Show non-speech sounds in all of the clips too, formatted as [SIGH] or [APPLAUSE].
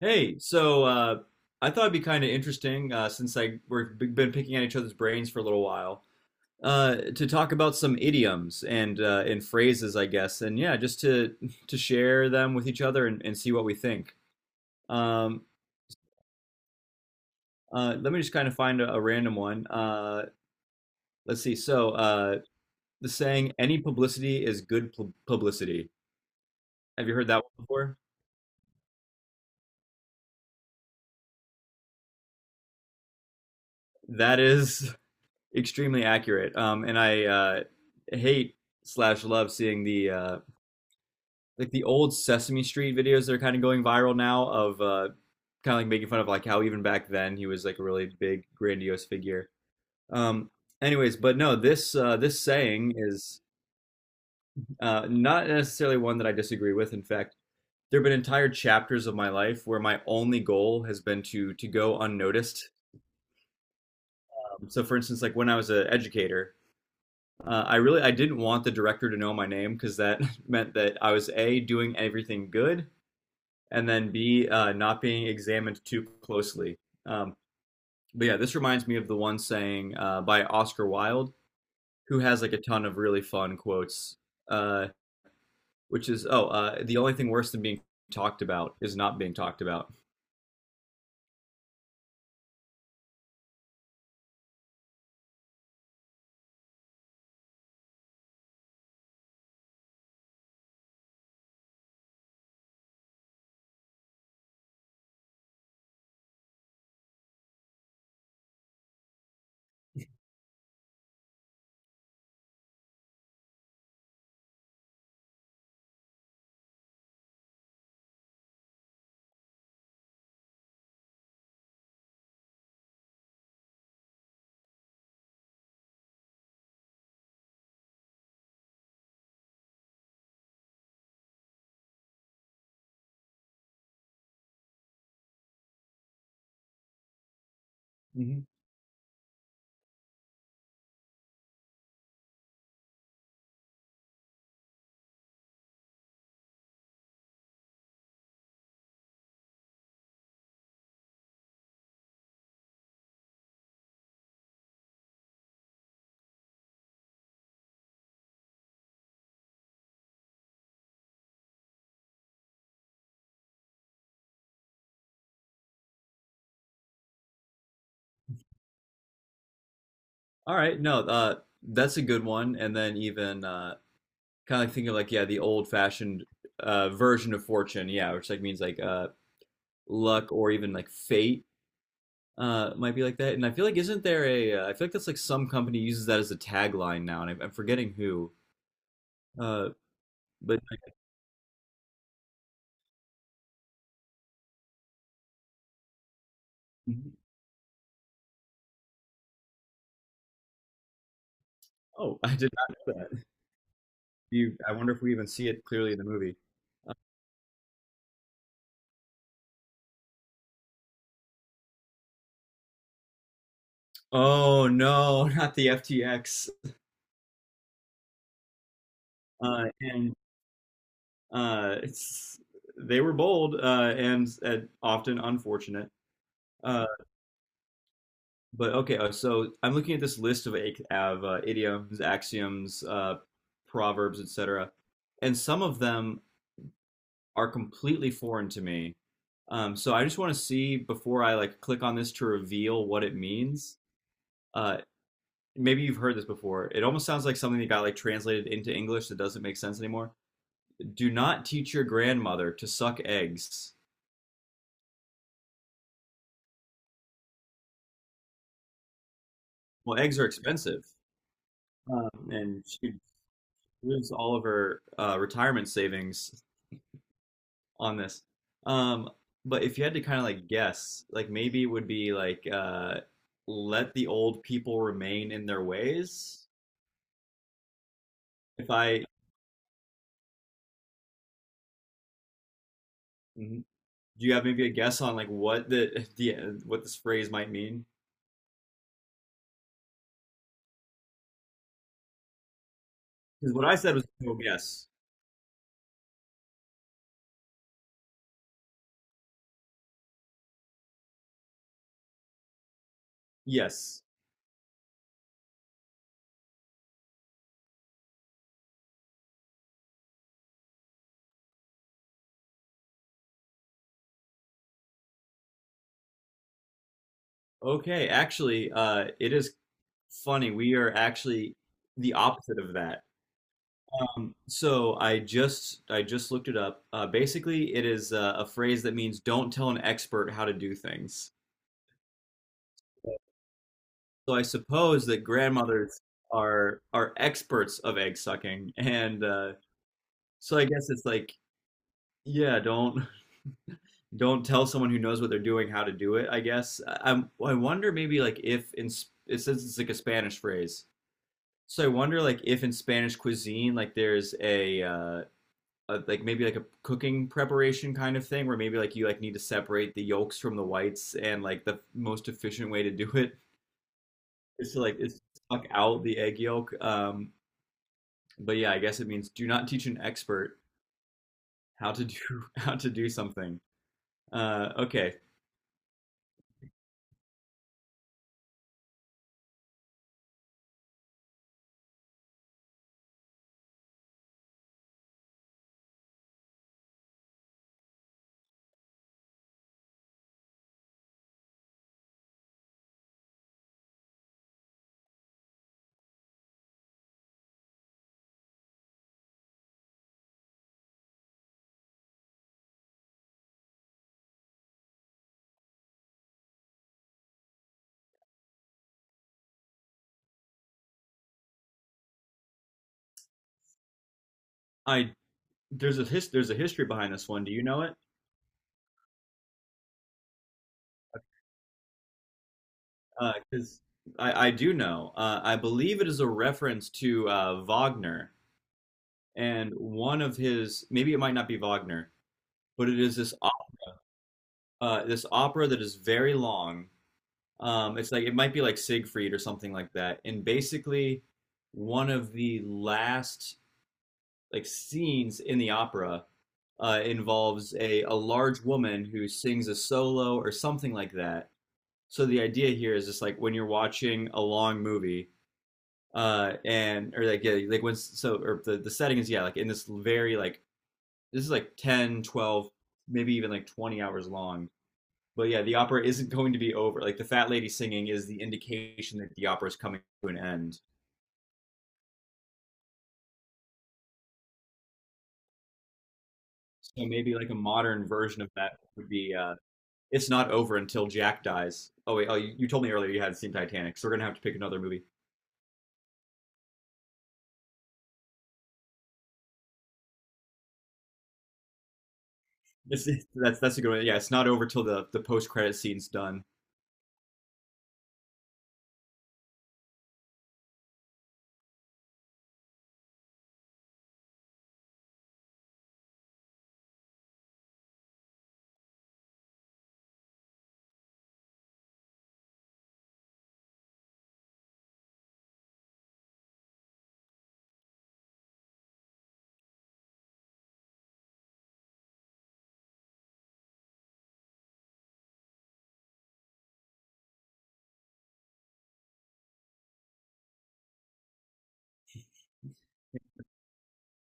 Hey, I thought it'd be kind of interesting since I we've been picking at each other's brains for a little while to talk about some idioms and and phrases, I guess, and yeah, just to share them with each other and see what we think. Um, Let me just kind of find a random one. Let's see. The saying, "Any publicity is good publicity." Have you heard that one before? That is [LAUGHS] extremely accurate, and I hate slash love seeing the like the old Sesame Street videos that are kind of going viral now of kind of like making fun of like how even back then he was like a really big grandiose figure. Um, anyways, but no, this saying is not necessarily one that I disagree with. In fact, there have been entire chapters of my life where my only goal has been to go unnoticed. So, for instance, like when I was an educator, I really I didn't want the director to know my name because that [LAUGHS] meant that I was a doing everything good, and then B, not being examined too closely. Um, but yeah, this reminds me of the one saying by Oscar Wilde, who has like a ton of really fun quotes, uh, which is, "Oh, the only thing worse than being talked about is not being talked about." Mhm. All right, no, that's a good one. And then even kind of like thinking like, yeah, the old-fashioned version of fortune, yeah, which like means like luck or even like fate might be like that. And I feel like isn't there a I feel like that's like some company uses that as a tagline now, and I'm forgetting who. Uh, but like, [LAUGHS] mhm. Oh, I did not know that. Do you, I wonder if we even see it clearly in the movie. Oh no, [LAUGHS] not the FTX. And it's they were bold and often unfortunate. Uh, but okay, so I'm looking at this list of, idioms, axioms, proverbs, etc. And some of them are completely foreign to me. So I just want to see before I like click on this to reveal what it means. Uh, Maybe you've heard this before. It almost sounds like something that got like translated into English that doesn't make sense anymore. Do not teach your grandmother to suck eggs. Well, eggs are expensive, and she lose all of her retirement savings on this. Um, but if you had to kind of like guess, like maybe it would be like let the old people remain in their ways. If I, do you have maybe a guess on like what the [LAUGHS] the what this phrase might mean? Because what I said was no guess. Yes. Okay. Actually, it is funny. We are actually the opposite of that. So I just looked it up. Basically, it is a phrase that means "don't tell an expert how to do things." So I suppose that grandmothers are experts of egg sucking, and so I guess it's like, yeah, don't tell someone who knows what they're doing how to do it, I guess. I wonder maybe like if in it says it's like a Spanish phrase. So I wonder like if in Spanish cuisine like there's a like maybe like a cooking preparation kind of thing where maybe like you like need to separate the yolks from the whites and like the most efficient way to do it [LAUGHS] is to like is suck out the egg yolk. But yeah, I guess it means do not teach an expert how to do [LAUGHS] how to do something. Okay. I there's there's a history behind this one. Do you know it? Because I do know. I believe it is a reference to Wagner and one of his. Maybe it might not be Wagner, but it is this this opera that is very long. It's like it might be like Siegfried or something like that. And basically, one of the last like scenes in the opera involves a large woman who sings a solo or something like that. So the idea here is just like when you're watching a long movie, and or like yeah, like when so or the setting is yeah, like in this very like this is like 10, 12, maybe even like 20 hours long. But yeah, the opera isn't going to be over. Like the fat lady singing is the indication that the opera is coming to an end. So maybe like a modern version of that would be it's not over until Jack dies. Oh wait, you told me earlier you hadn't seen Titanic, so we're gonna have to pick another movie. That's that's a good one. Yeah, it's not over till the post credit scene's done.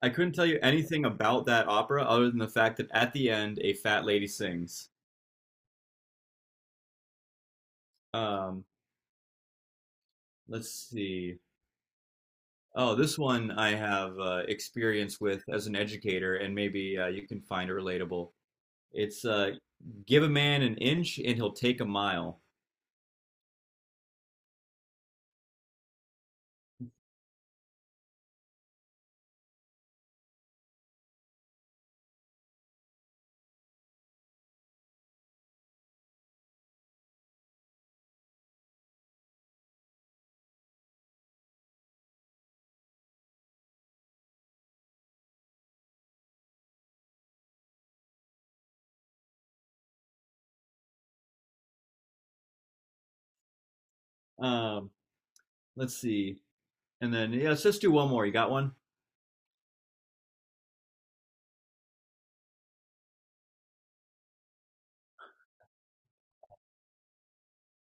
I couldn't tell you anything about that opera other than the fact that at the end a fat lady sings. Um, let's see. Oh, this one I have experience with as an educator, and maybe you can find it relatable. It's give a man an inch and he'll take a mile. Um, let's see. And then, yeah, let's just do one more. You got one?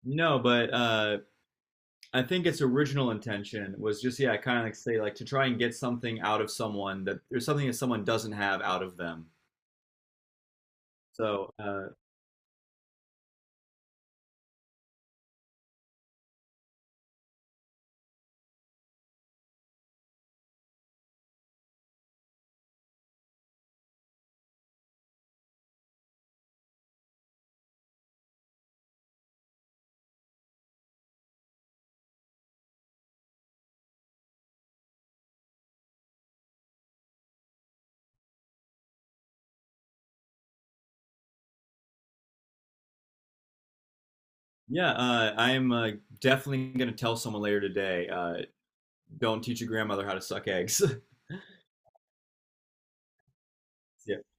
No, but I think its original intention was just, yeah, kind of like say, like to try and get something out of someone that there's something that someone doesn't have out of them. So, yeah, I am definitely going to tell someone later today. Don't teach your grandmother how to suck eggs. [LAUGHS] See ya.